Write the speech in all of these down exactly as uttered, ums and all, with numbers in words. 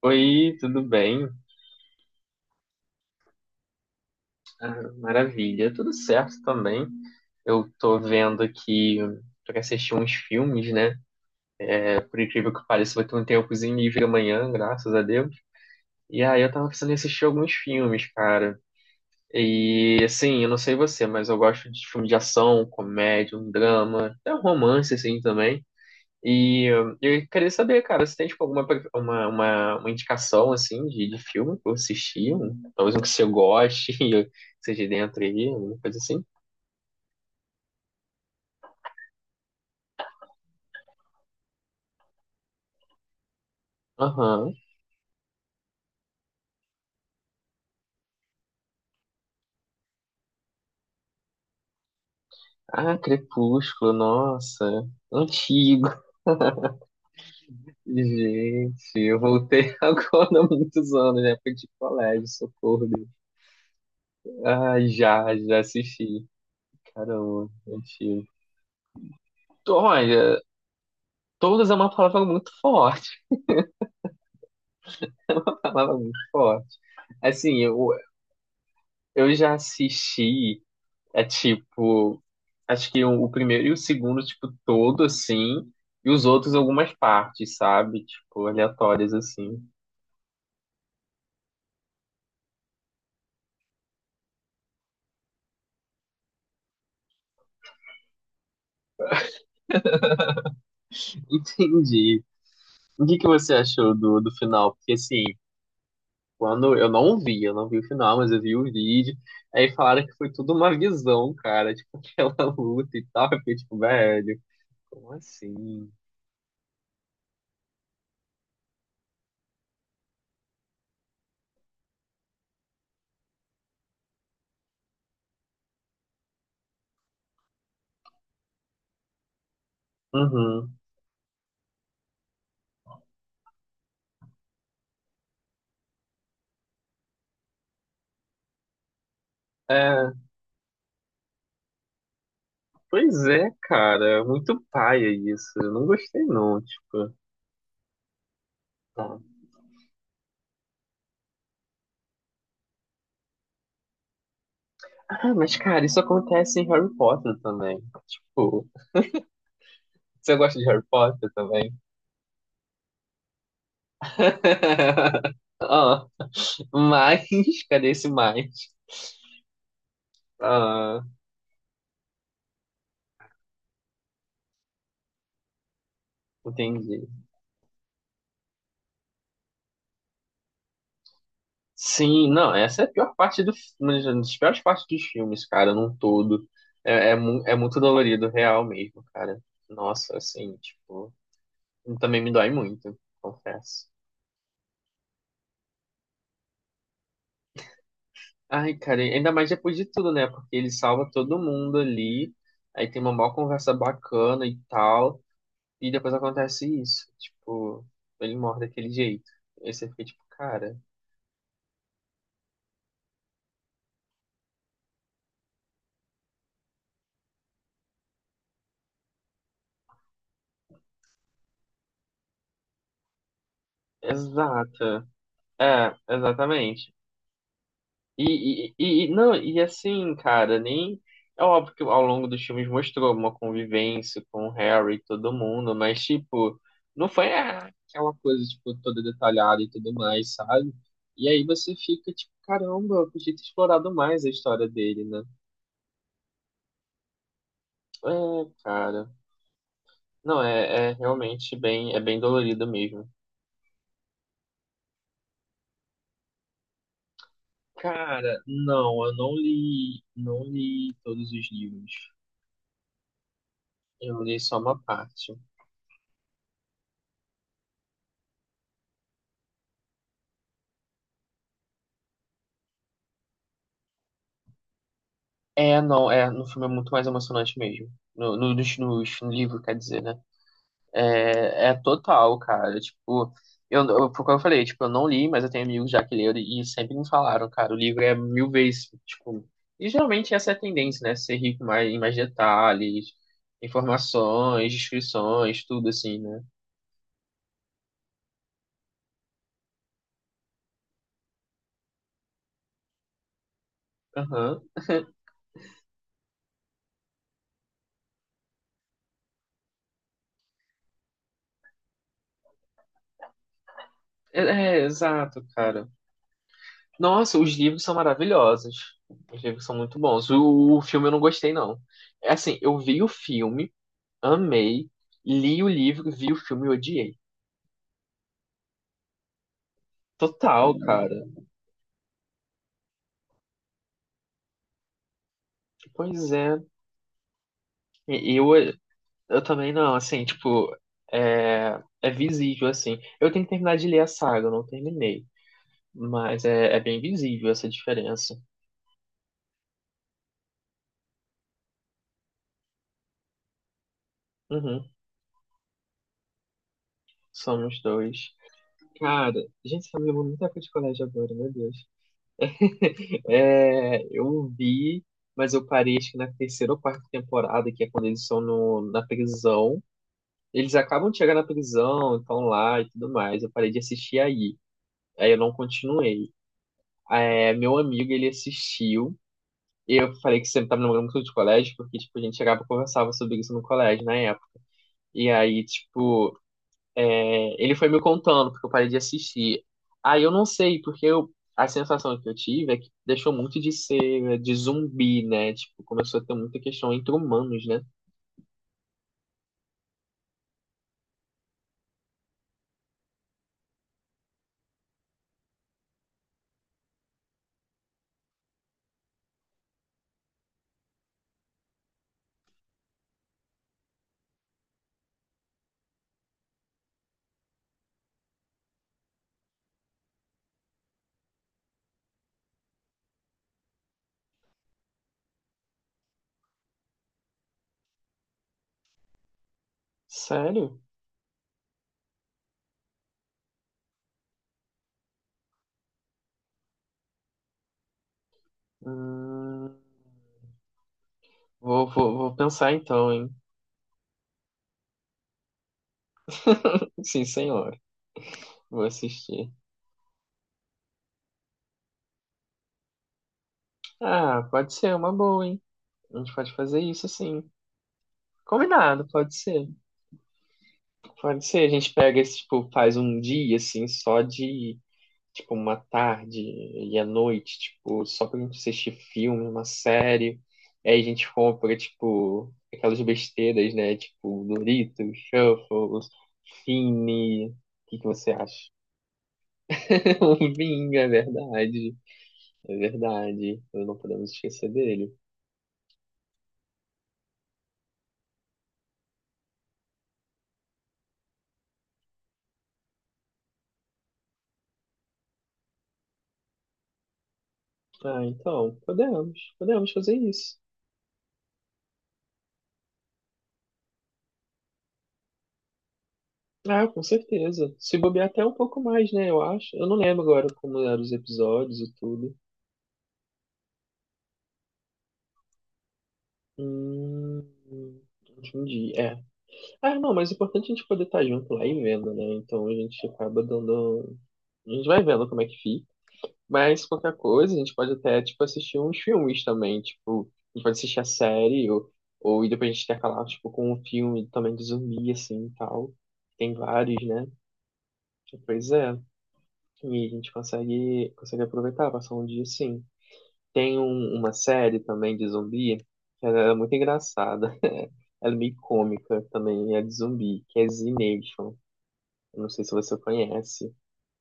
Oi, tudo bem? Ah, maravilha, tudo certo também. Eu tô vendo aqui pra assistir uns filmes, né? É, por incrível que pareça, vai ter um tempozinho livre amanhã, graças a Deus. E aí eu tava pensando em assistir alguns filmes, cara. E assim, eu não sei você, mas eu gosto de filme de ação, comédia, um drama, até um romance assim também. E eh, eu queria saber, cara, se tem tipo alguma pre- uma, uma, uma indicação assim de, de filme pra eu assistir, um- talvez um que você goste e seja dentro aí, alguma coisa assim. Aham. Ah, Crepúsculo, nossa, antigo. Gente, eu voltei agora há muitos anos, né? Foi de colégio, socorro. Ah, já, já assisti. Caramba, antigo. Olha, todas é uma palavra muito forte, uma palavra muito forte. Assim, eu, Eu já assisti, é tipo, acho que o, o primeiro e o segundo, tipo, todo assim, e os outros algumas partes, sabe? Tipo, aleatórias assim. Entendi. O que que você achou do, do final? Porque assim, quando eu não vi, eu não vi o final, mas eu vi o vídeo, aí falaram que foi tudo uma visão, cara, tipo, aquela luta e tal, eu fiquei tipo, velho, como assim? Uhum. É, pois é, cara, muito paia isso. Eu não gostei não, tipo. Tá. Ah, mas cara, isso acontece em Harry Potter também. Tipo, você gosta de Harry Potter também? Ah, mas, cadê esse mais? Ah, entendi. Sim, não, essa é a pior parte do, uma das piores partes dos filmes, cara, num todo. É, é, mu- é muito dolorido, real mesmo, cara. Nossa, assim, tipo, também me dói muito, confesso. Ai, cara, ainda mais depois de tudo, né? Porque ele salva todo mundo ali, aí tem uma maior conversa bacana e tal, e depois acontece isso. Tipo, ele morre daquele jeito. Aí você fica tipo, cara, exata. É, exatamente. E, e, e, e- não, e assim, cara, nem. É óbvio que ao longo dos filmes mostrou uma convivência com o Harry e todo mundo, mas, tipo, não foi ah, aquela coisa, tipo, toda detalhada e tudo mais, sabe? E aí você fica, tipo, caramba, eu podia ter explorado mais a história dele, né? É, cara. Não, é, é realmente bem, é bem dolorido mesmo. Cara, não, eu não li, não li todos os livros. Eu li só uma parte. É, não, é, no filme é muito mais emocionante mesmo. No, no, nos- nos- no livro, quer dizer, né? É, é total, cara. Tipo, eu, eu, foi o que eu falei, tipo, eu não li, mas eu tenho amigos já que leram e sempre me falaram, cara, o livro é mil vezes, tipo. E geralmente essa é a tendência, né? Ser rico mais, em mais detalhes, informações, descrições, tudo assim, né? Aham. É, é, exato, cara. Nossa, os livros são maravilhosos. Os livros são muito bons. O, o filme eu não gostei, não. É assim, eu vi o filme. Amei, li o livro, vi o filme e odiei. Total, cara. Pois é. Eu, eu também não, assim, tipo, é, é visível, assim. Eu tenho que terminar de ler a saga, eu não terminei. Mas é, é bem visível essa diferença. Uhum, somos dois. Cara, gente, tá me lembrando muita coisa de colégio agora, meu Deus. É, eu vi, mas eu parei acho que na terceira ou quarta temporada, que é quando eles estão no, na prisão. Eles acabam de chegar na prisão, estão lá e tudo mais. Eu parei de assistir aí. Aí eu não continuei. É, meu amigo, ele assistiu. E eu falei que sempre tava namorando muito de colégio, porque, tipo, a gente chegava e conversava sobre isso no colégio, na época. E aí, tipo, é, ele foi me contando, porque eu parei de assistir. Aí eu não sei, porque eu, a sensação que eu tive é que deixou muito de ser de zumbi, né? Tipo, começou a ter muita questão entre humanos, né? Sério? Hum... Vou, vou, vou pensar então, hein? Sim, senhor. Vou assistir. Ah, pode ser uma boa, hein? A gente pode fazer isso assim. Combinado, pode ser. Pode ser. A gente pega esse, tipo, faz um dia, assim, só de, tipo, uma tarde e à noite, tipo, só pra gente assistir filme, uma série. Aí a gente compra, tipo, aquelas besteiras, né? Tipo, Doritos, Shuffles, Fini. O que que você acha? Um vinho, é verdade. É verdade. Não podemos esquecer dele. Ah, então, podemos, podemos fazer isso. Ah, com certeza. Se bobear até um pouco mais, né, eu acho. Eu não lembro agora como eram os episódios e tudo. Hum, entendi, é. Ah, não, mas o importante é a gente poder estar junto lá e vendo, né? Então a gente acaba dando... A gente vai vendo como é que fica. Mas qualquer coisa, a gente pode até, tipo, assistir uns filmes também, tipo... A gente pode assistir a série ou, ou e depois a gente intercalar, tipo, com um filme também de zumbi, assim, e tal. Tem vários, né? Pois é. E a gente consegue, consegue aproveitar, passar um dia sim. Tem um- uma série também de zumbi, que ela é muito engraçada. Ela é meio cômica também, é de zumbi, que é Z Nation. Eu não sei se você conhece.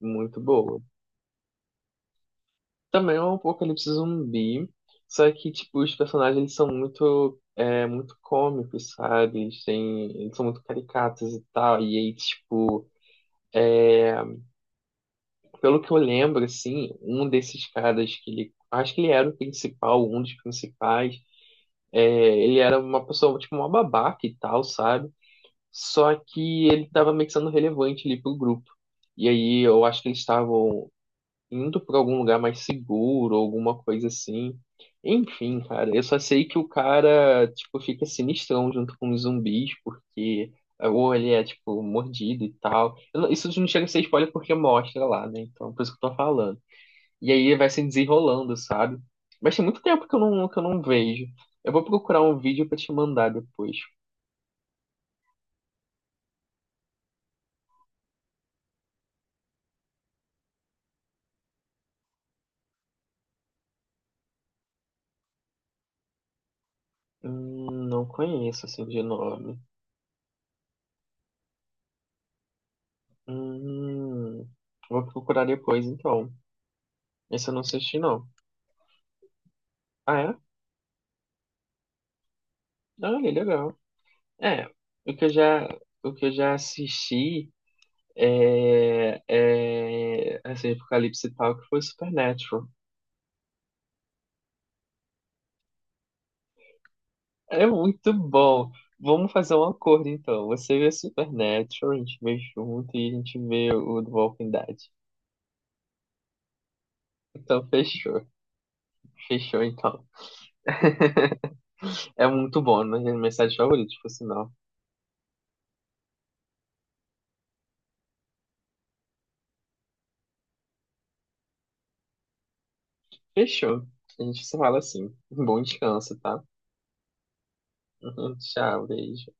Muito boa. Também é um apocalipse zumbi, só que, tipo, os personagens eles são muito, é, muito cômicos, sabe? Eles têm, eles são muito caricatos e tal. E aí, tipo, pelo que eu lembro, assim, um desses caras que ele. Acho que ele era o principal, um dos principais. É, ele era uma pessoa, tipo, uma babaca e tal, sabe? Só que ele tava meio que sendo relevante ali pro grupo. E aí eu acho que eles estavam indo pra algum lugar mais seguro, alguma coisa assim. Enfim, cara, eu só sei que o cara, tipo, fica sinistrão junto com os zumbis, porque. Ou ele é, tipo, mordido e tal. Eu não- Isso não chega a ser spoiler porque mostra lá, né? Então, por isso que eu tô falando. E aí vai se desenrolando, sabe? Mas tem muito tempo que eu não, que eu não vejo. Eu vou procurar um vídeo pra te mandar depois. Hum, não conheço assim de nome. Hum, vou procurar depois então. Esse eu não assisti não. Ah, é? Ah, ele é legal. É, o que eu já, o que eu já assisti é, é assim, Apocalipse e tal, que foi Supernatural. É muito bom. Vamos fazer um acordo, então. Você vê Supernatural, a gente vê junto e a gente vê o do Walking Dead. Então, fechou. Fechou, então. É muito bom, né? É minha série favorita, por sinal. Fechou. A gente se fala assim. Bom descanso, tá? Tchau, beijo.